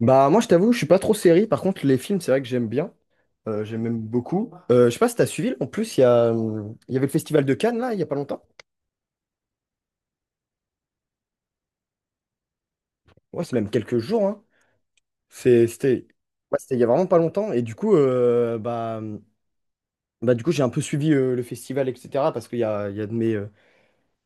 Bah moi je t'avoue, je suis pas trop série. Par contre, les films, c'est vrai que j'aime bien. J'aime même beaucoup. Je sais pas si t'as suivi. En plus, il y avait le festival de Cannes là, il y a pas longtemps. Ouais, c'est même quelques jours, hein. C'était, ouais, c'était il y a vraiment pas longtemps. Et du coup, j'ai un peu suivi le festival, etc. Parce qu'il y a de mes, euh,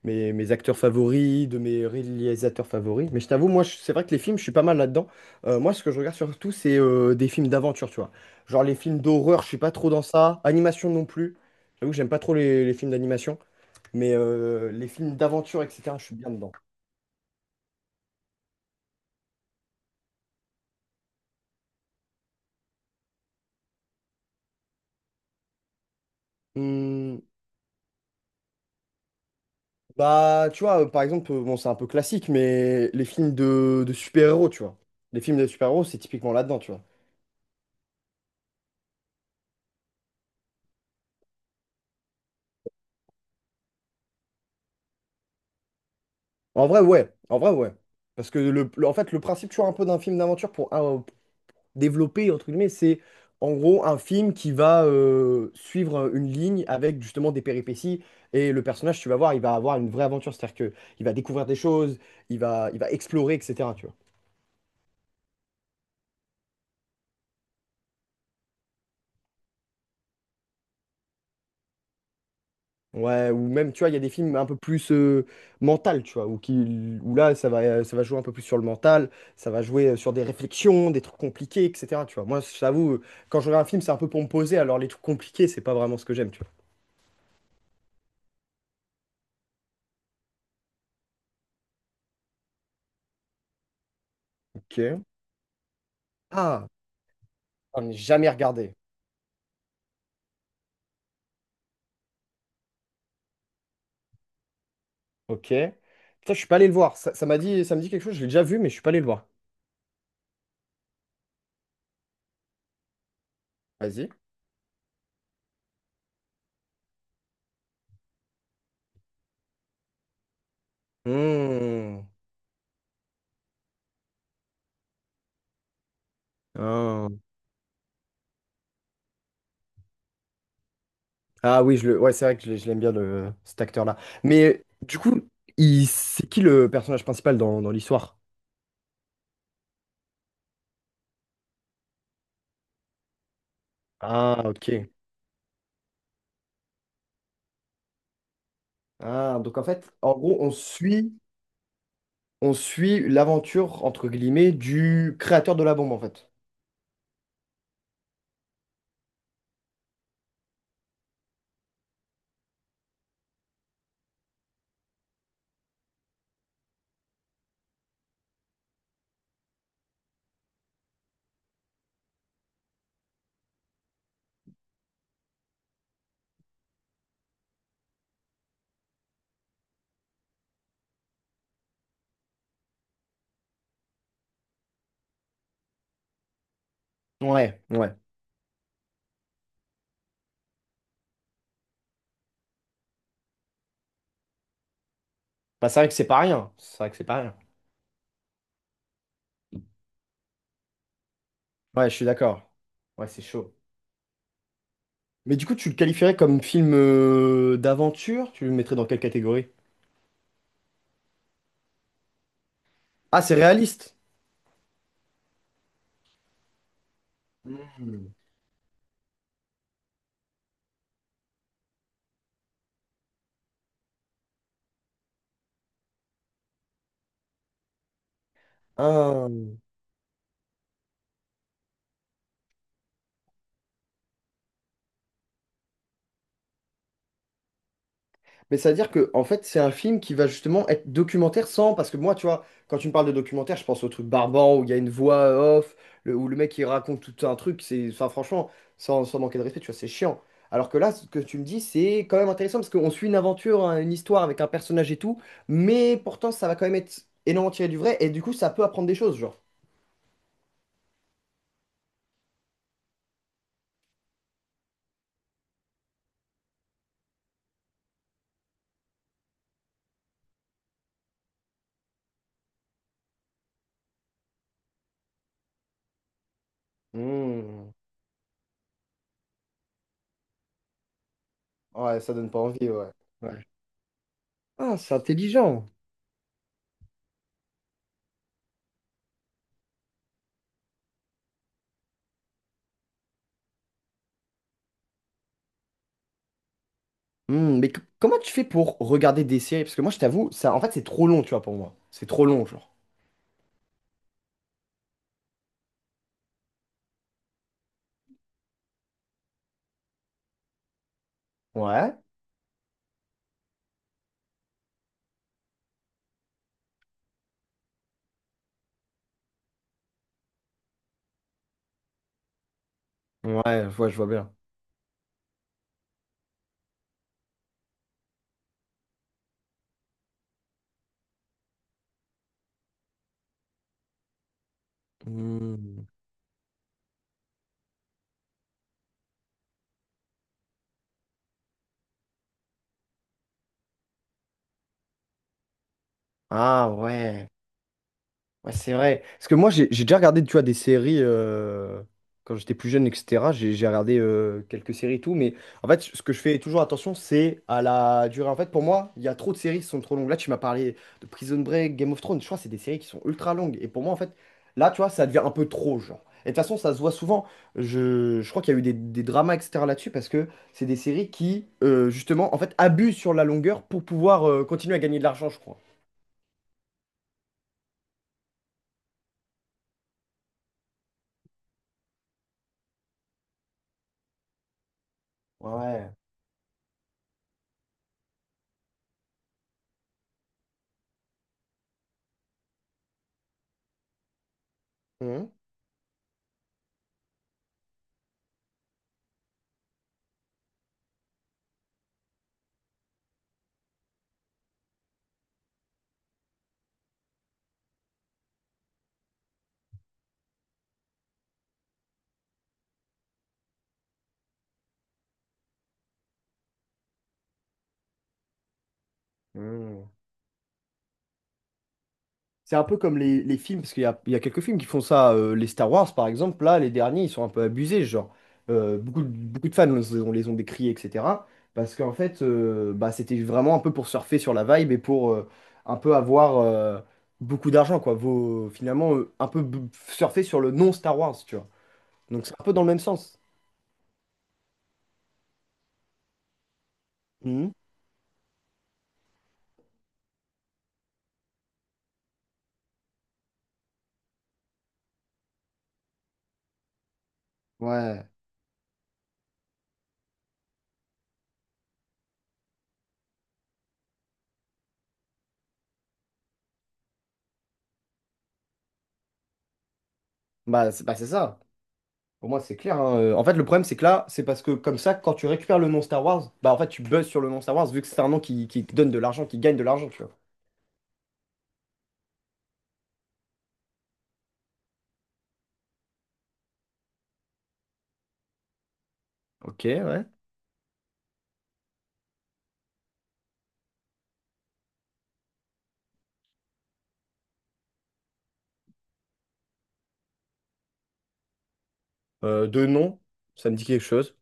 mes, mes acteurs favoris, de mes réalisateurs favoris. Mais je t'avoue, moi, c'est vrai que les films, je suis pas mal là-dedans. Moi, ce que je regarde surtout, c'est des films d'aventure, tu vois. Genre les films d'horreur, je suis pas trop dans ça. Animation non plus. J'avoue que j'aime pas trop les films d'animation. Mais les films d'aventure, etc., je suis bien dedans. Hmm, bah, tu vois, par exemple, bon, c'est un peu classique, mais les films de super-héros, tu vois. Les films de super-héros, c'est typiquement là-dedans, tu vois. En vrai, ouais. En vrai, ouais. Parce que, en fait, le principe, tu vois, un peu d'un film d'aventure, pour, développé, entre guillemets, c'est en gros un film qui va suivre une ligne avec justement des péripéties. Et le personnage, tu vas voir, il va avoir une vraie aventure. C'est-à-dire que il va découvrir des choses, il va explorer, etc. Tu vois. Ouais, ou même, tu vois, il y a des films un peu plus mental, tu vois, où là, ça va jouer un peu plus sur le mental, ça va jouer sur des réflexions, des trucs compliqués, etc. Tu vois. Moi, je t'avoue, quand je regarde un film, c'est un peu pour me poser, alors les trucs compliqués, c'est pas vraiment ce que j'aime, tu vois. Ok. Ah, j'en ai jamais regardé. Ok. Putain, je suis pas allé le voir. Ça, ça me dit quelque chose. Je l'ai déjà vu, mais je suis pas allé le voir. Vas-y. Hmm. Ah, ouais, c'est vrai que je l'aime bien le... cet acteur-là. Mais du coup, c'est qui le personnage principal dans l'histoire? Ah, ok. Ah, donc en fait, en gros, on suit l'aventure, entre guillemets, du créateur de la bombe, en fait. Ouais, ouais. Bah, c'est vrai que c'est pas rien. C'est vrai que c'est pas rien. Ouais, je suis d'accord. Ouais, c'est chaud. Mais du coup, tu le qualifierais comme film d'aventure? Tu le mettrais dans quelle catégorie? Ah, c'est réaliste. Ah. Mais ça veut dire que, en fait, c'est un film qui va justement être documentaire sans. Parce que moi, tu vois, quand tu me parles de documentaire, je pense au truc Barbant où il y a une voix off, où le mec il raconte tout un truc. C'est, enfin, franchement, sans manquer de respect, tu vois, c'est chiant. Alors que là, ce que tu me dis, c'est quand même intéressant parce qu'on suit une aventure, hein, une histoire avec un personnage et tout. Mais pourtant, ça va quand même être énormément tiré du vrai. Et du coup, ça peut apprendre des choses, genre. Hmm. Ouais, ça donne pas envie, ouais. Ouais. Ah, c'est intelligent. Hmm, comment tu fais pour regarder des séries? Parce que moi, je t'avoue, ça, en fait, c'est trop long, tu vois, pour moi. C'est trop long, genre. Ouais. Ouais, je vois bien. Hmm. Ah ouais. Ouais, c'est vrai. Parce que moi, j'ai déjà regardé, tu vois, des séries quand j'étais plus jeune, etc. J'ai regardé quelques séries et tout. Mais en fait, ce que je fais toujours attention, c'est à la durée. En fait, pour moi, il y a trop de séries qui sont trop longues. Là, tu m'as parlé de Prison Break, Game of Thrones. Je crois que c'est des séries qui sont ultra longues. Et pour moi, en fait, là, tu vois, ça devient un peu trop, genre. Et de toute façon, ça se voit souvent. Je crois qu'il y a eu des dramas, etc. là-dessus, parce que c'est des séries qui, justement, en fait, abusent sur la longueur pour pouvoir continuer à gagner de l'argent, je crois. Ouais. Mmh. Mmh. C'est un peu comme les films, parce qu'il y a quelques films qui font ça. Les Star Wars, par exemple, là, les derniers, ils sont un peu abusés. Genre, beaucoup, beaucoup de fans, on les ont décriés, etc. Parce qu'en fait, bah, c'était vraiment un peu pour surfer sur la vibe et pour un peu avoir beaucoup d'argent, quoi. Vaut, finalement, un peu surfer sur le non-Star Wars, tu vois. Donc, c'est un peu dans le même sens. Mhm. Ouais. Bah, c'est ça. Pour moi, c'est clair, hein. En fait, le problème, c'est que là, c'est parce que comme ça, quand tu récupères le nom Star Wars, bah en fait, tu buzzes sur le nom Star Wars vu que c'est un nom qui te donne de l'argent, qui gagne de l'argent, tu vois. Ok, ouais. Deux noms, ça me dit quelque chose.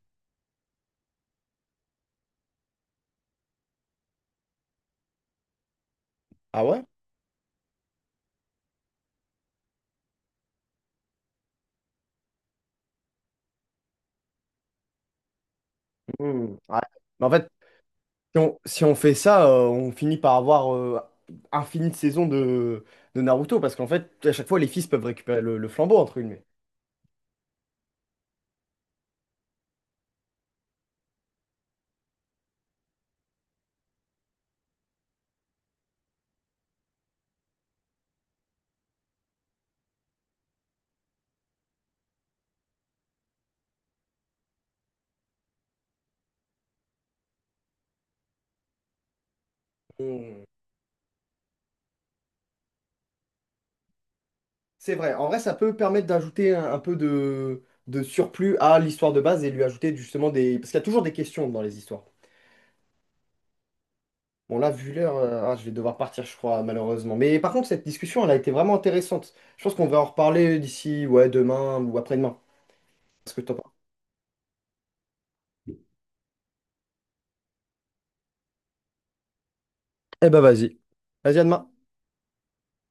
Ah ouais? Hmm, ouais. Mais en fait, si on fait ça, on finit par avoir infini de saisons de Naruto parce qu'en fait, à chaque fois, les fils peuvent récupérer le flambeau, entre guillemets. Hmm. C'est vrai. En vrai, ça peut permettre d'ajouter un peu de surplus à l'histoire de base et lui ajouter justement des... Parce qu'il y a toujours des questions dans les histoires. Bon, là, vu l'heure, je vais devoir partir, je crois, malheureusement. Mais par contre, cette discussion, elle a été vraiment intéressante. Je pense qu'on va en reparler d'ici, ouais, demain ou après-demain. Est-ce que t'en penses? Eh ben vas-y. Vas-y, à demain.